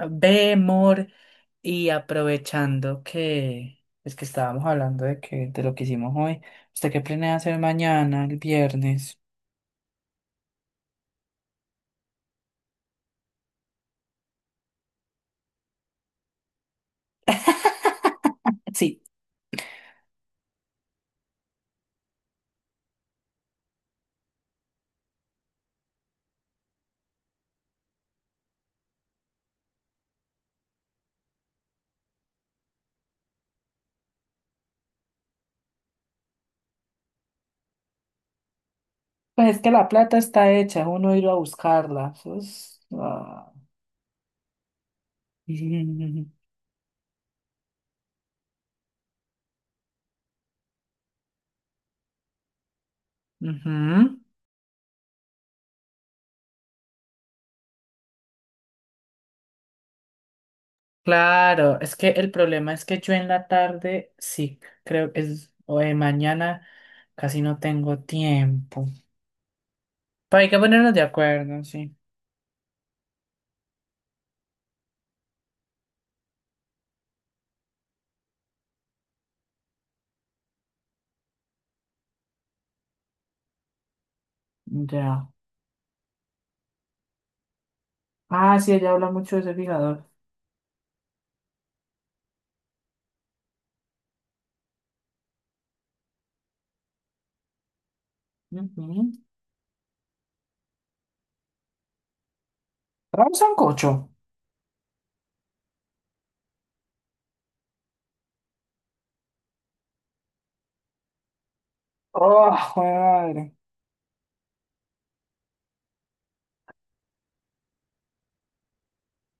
Ve, amor, y aprovechando que es que estábamos hablando de lo que hicimos hoy, ¿usted qué planea hacer mañana, el viernes? Sí, pues es que la plata está hecha, uno ir a buscarla. Eso es- ah. Ujú. Claro, es que el problema es que yo en la tarde, sí, creo que es, o de mañana casi no tengo tiempo. Pero hay que ponernos de acuerdo, sí. Ya. Ah, sí, ella habla mucho de ese fijador. Ujú. Trae un sancocho. Oh, madre.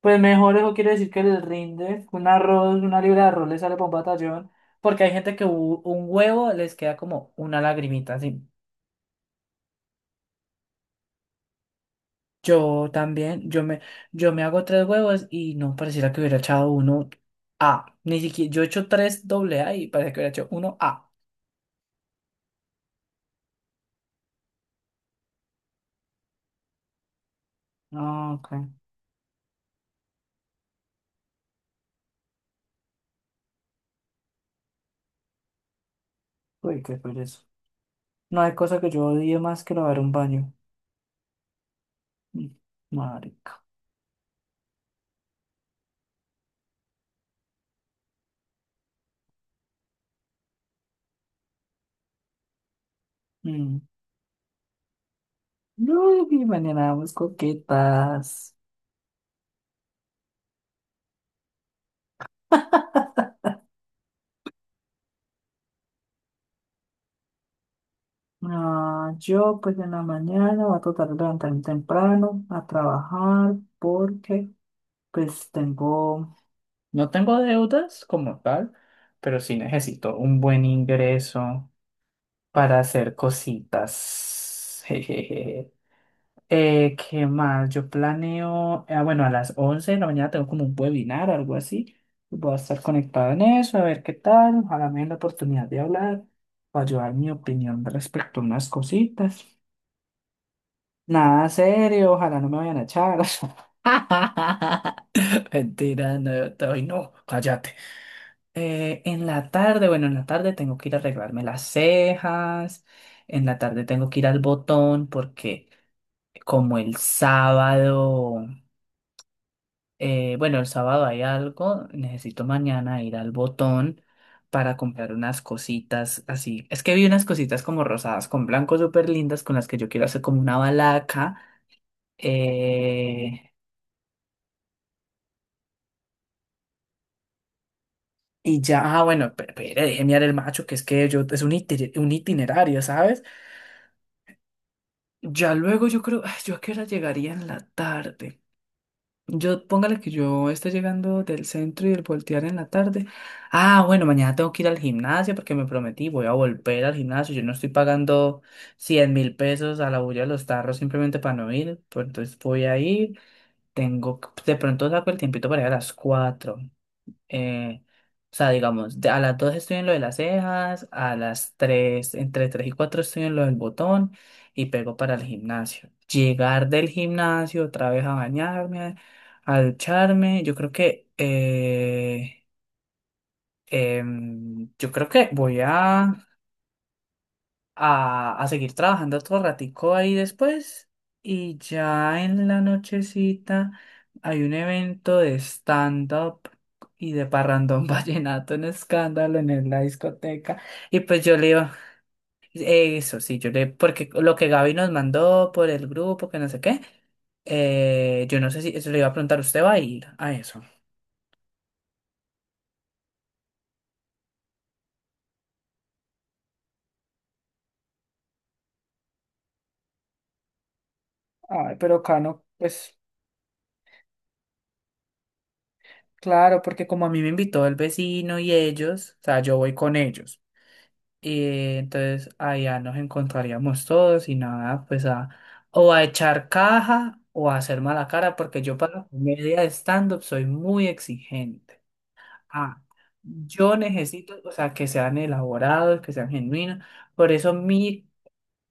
Pues mejor eso quiere decir que les rinde, un arroz, una libra de arroz le sale por un batallón, porque hay gente que un huevo les queda como una lagrimita, así. Yo también, yo me hago tres huevos y no pareciera que hubiera echado uno A. Ni siquiera, yo he hecho tres doble A y parece que hubiera hecho uno A. Ah, ok. Uy, qué pereza. No hay cosa que yo odie más que lavar un baño. Mm. Marica. Mm. No, y mañana vamos coquetas. No, yo pues en la mañana voy a tratar de levantarme temprano a trabajar porque pues tengo, no tengo deudas como tal, pero sí necesito un buen ingreso para hacer cositas. ¿Qué más? Yo planeo, bueno, a las 11 de la mañana tengo como un webinar o algo así. Voy a estar conectado en eso, a ver qué tal. Ojalá me den la oportunidad de hablar o ayudar mi opinión respecto a unas cositas. Nada serio, ojalá no me vayan a echar. Mentira, no, ay, no, cállate. En la tarde, bueno, en la tarde tengo que ir a arreglarme las cejas, en la tarde tengo que ir al botón porque como el sábado... bueno, el sábado hay algo. Necesito mañana ir al Botón para comprar unas cositas así. Es que vi unas cositas como rosadas con blanco súper lindas con las que yo quiero hacer como una balaca. eh, y ya, bueno, pero déjeme dar el macho, que es que yo es un itinerario, ¿sabes? Ya luego yo creo, ay, yo a qué hora llegaría en la tarde. Yo, póngale que yo esté llegando del centro y el voltear en la tarde. Ah, bueno, mañana tengo que ir al gimnasio porque me prometí, voy a volver al gimnasio. Yo no estoy pagando 100.000 pesos a la bulla de los tarros simplemente para no ir. Pues entonces voy a ir. De pronto saco el tiempito para ir a las 4. eh, o sea, digamos, a las 2 estoy en lo de las cejas, a las 3, entre 3 y 4 estoy en lo del botón y pego para el gimnasio. Llegar del gimnasio otra vez a bañarme, a ducharme, yo creo que voy a seguir trabajando otro ratico ahí después. Y ya en la nochecita hay un evento de stand-up y de parrandón vallenato en escándalo en la discoteca. Y pues yo le digo, eso sí, yo le, porque lo que Gaby nos mandó por el grupo, que no sé qué, yo no sé si eso le iba a preguntar, ¿usted va a ir a eso? Ay, pero Cano, pues claro, porque como a mí me invitó el vecino y ellos, o sea, yo voy con ellos. Y entonces allá nos encontraríamos todos y nada, pues a o a echar caja o a hacer mala cara, porque yo para la comedia de stand-up soy muy exigente. Ah, yo necesito, o sea, que sean elaborados, que sean genuinos. Por eso mi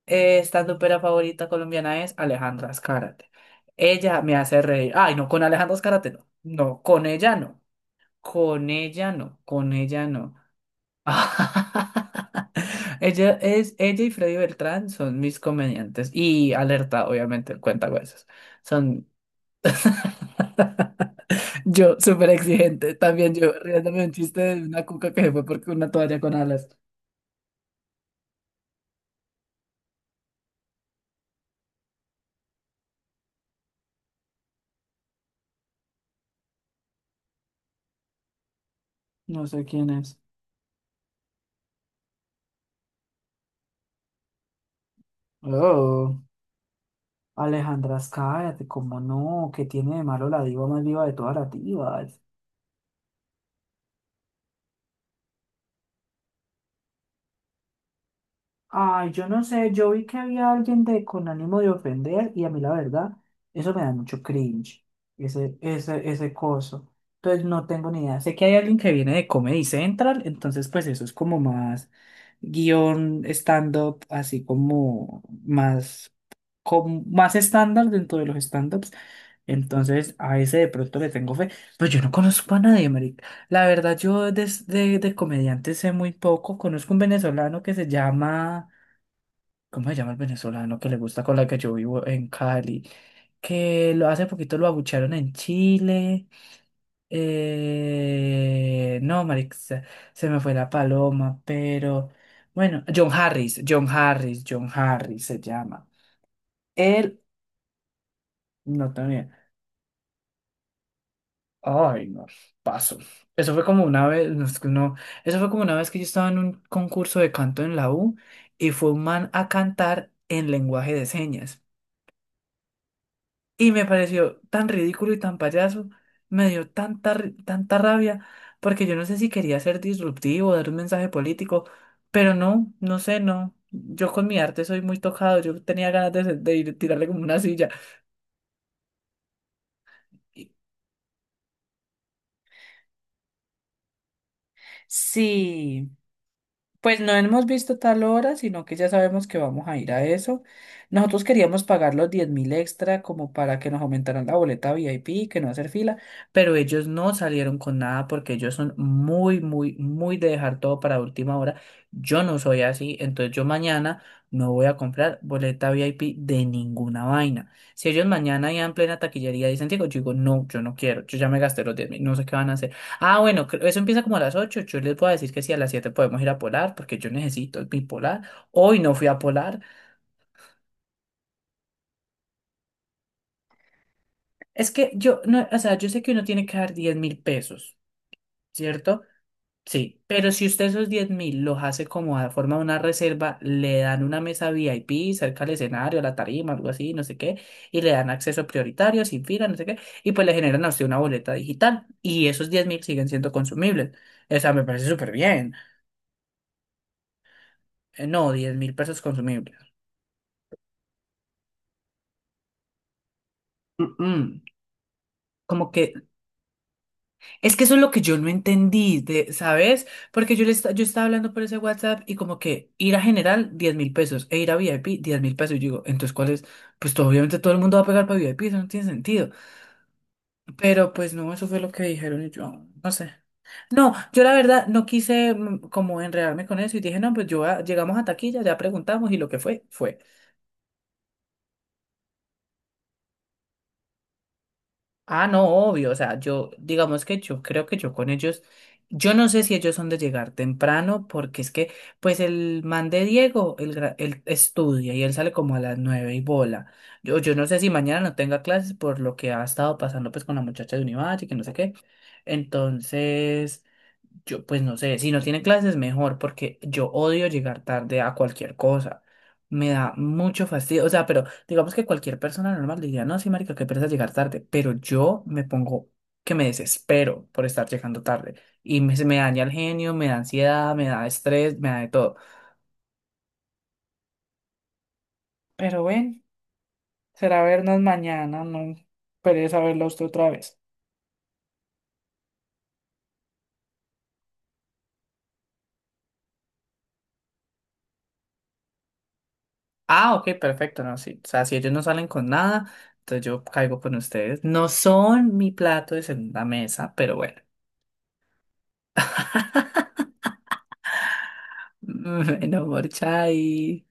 stand-upera favorita colombiana es Alejandra Azcárate. Ella me hace reír. Ay, no, con Alejandra Azcárate no. No, con ella no. Con ella no. Con ella no. Ella es ella y Freddy Beltrán son mis comediantes, y Alerta, obviamente, el cuentacuentos. Son yo súper exigente, también yo riéndome de un chiste de una cuca que se fue porque una toalla con alas. No sé quién es. Oh, Alejandra, cállate, cómo no, que tiene de malo la diva más viva de todas las divas. Ay, yo no sé, yo vi que había alguien de con ánimo de ofender y a mí la verdad, eso me da mucho cringe, ese coso. Entonces no tengo ni idea. Sé que hay alguien que viene de Comedy Central, entonces pues eso es como más guión stand-up, así como más, más estándar dentro de los stand-ups. Entonces a ese de pronto le tengo fe, pero yo no conozco a nadie, marica. La verdad, yo de comediantes sé muy poco. Conozco un venezolano que se llama... ¿Cómo se llama el venezolano que le gusta con la que yo vivo en Cali? Que lo hace poquito lo abuchearon en Chile. No, marica, se me fue la paloma, pero bueno, John Harris se llama. Él, no también. Ay, no, paso. Eso fue como una vez, no, es que no, eso fue como una vez que yo estaba en un concurso de canto en la U y fue un man a cantar en lenguaje de señas. Y me pareció tan ridículo y tan payaso, me dio tanta rabia, porque yo no sé si quería ser disruptivo, dar un mensaje político, pero no, no sé, no. Yo con mi arte soy muy tocado, yo tenía ganas de, de ir, tirarle como una silla. Y- Sí. Pues no hemos visto tal hora, sino que ya sabemos que vamos a ir a eso. Nosotros queríamos pagar los 10.000 extra como para que nos aumentaran la boleta VIP, que no hacer fila, pero ellos no salieron con nada porque ellos son muy, muy, muy de dejar todo para última hora. Yo no soy así, entonces yo mañana no voy a comprar boleta VIP de ninguna vaina. Si ellos mañana ya en plena taquillería dicen, digo, yo digo, no, yo no quiero, yo ya me gasté los 10.000, no sé qué van a hacer. Ah, bueno, eso empieza como a las 8. Yo les voy a decir que sí, a las 7 podemos ir a Polar, porque yo necesito mi Polar. Hoy no fui a Polar. Es que yo, no, o sea, yo sé que uno tiene que dar 10.000 pesos, ¿cierto? Sí, pero si usted esos 10.000 los hace como a forma de una reserva, le dan una mesa VIP cerca al escenario, a la tarima, algo así, no sé qué, y le dan acceso prioritario, sin fila, no sé qué, y pues le generan a usted una boleta digital, y esos 10 mil siguen siendo consumibles. O sea, me parece súper bien. No, 10.000 pesos consumibles. Mm, mm. Como que, es que eso es lo que yo no entendí, ¿sabes? Porque yo estaba hablando por ese WhatsApp y como que ir a general 10.000 pesos e ir a VIP 10.000 pesos. Y yo digo, entonces, ¿cuál es? Pues obviamente todo el mundo va a pegar para VIP, eso no tiene sentido. Pero pues no, eso fue lo que dijeron y yo, no sé. No, yo la verdad no quise como enredarme con eso y dije, no, pues llegamos a taquilla, ya preguntamos y lo que fue, fue. Ah, no, obvio, o sea, yo, digamos que yo creo que yo con ellos, yo no sé si ellos son de llegar temprano, porque es que, pues el man de Diego, él estudia y él sale como a las 9 y bola. Yo no sé si mañana no tenga clases por lo que ha estado pasando pues con la muchacha de Univalle, que no sé qué. Entonces... Yo, pues no sé, si no tiene clases, mejor, porque yo odio llegar tarde a cualquier cosa. Me da mucho fastidio. O sea, pero digamos que cualquier persona normal diría, no, sí, marica, qué pereza llegar tarde. Pero yo me pongo que me desespero por estar llegando tarde. Se me daña el genio, me da ansiedad, me da estrés, me da de todo. Pero bueno, será vernos mañana, no pereza verlo a usted otra vez. Ah, ok, perfecto, no, sí. O sea, si ellos no salen con nada, entonces yo caigo con ustedes. No son mi plato de segunda mesa, pero bueno. No more chai.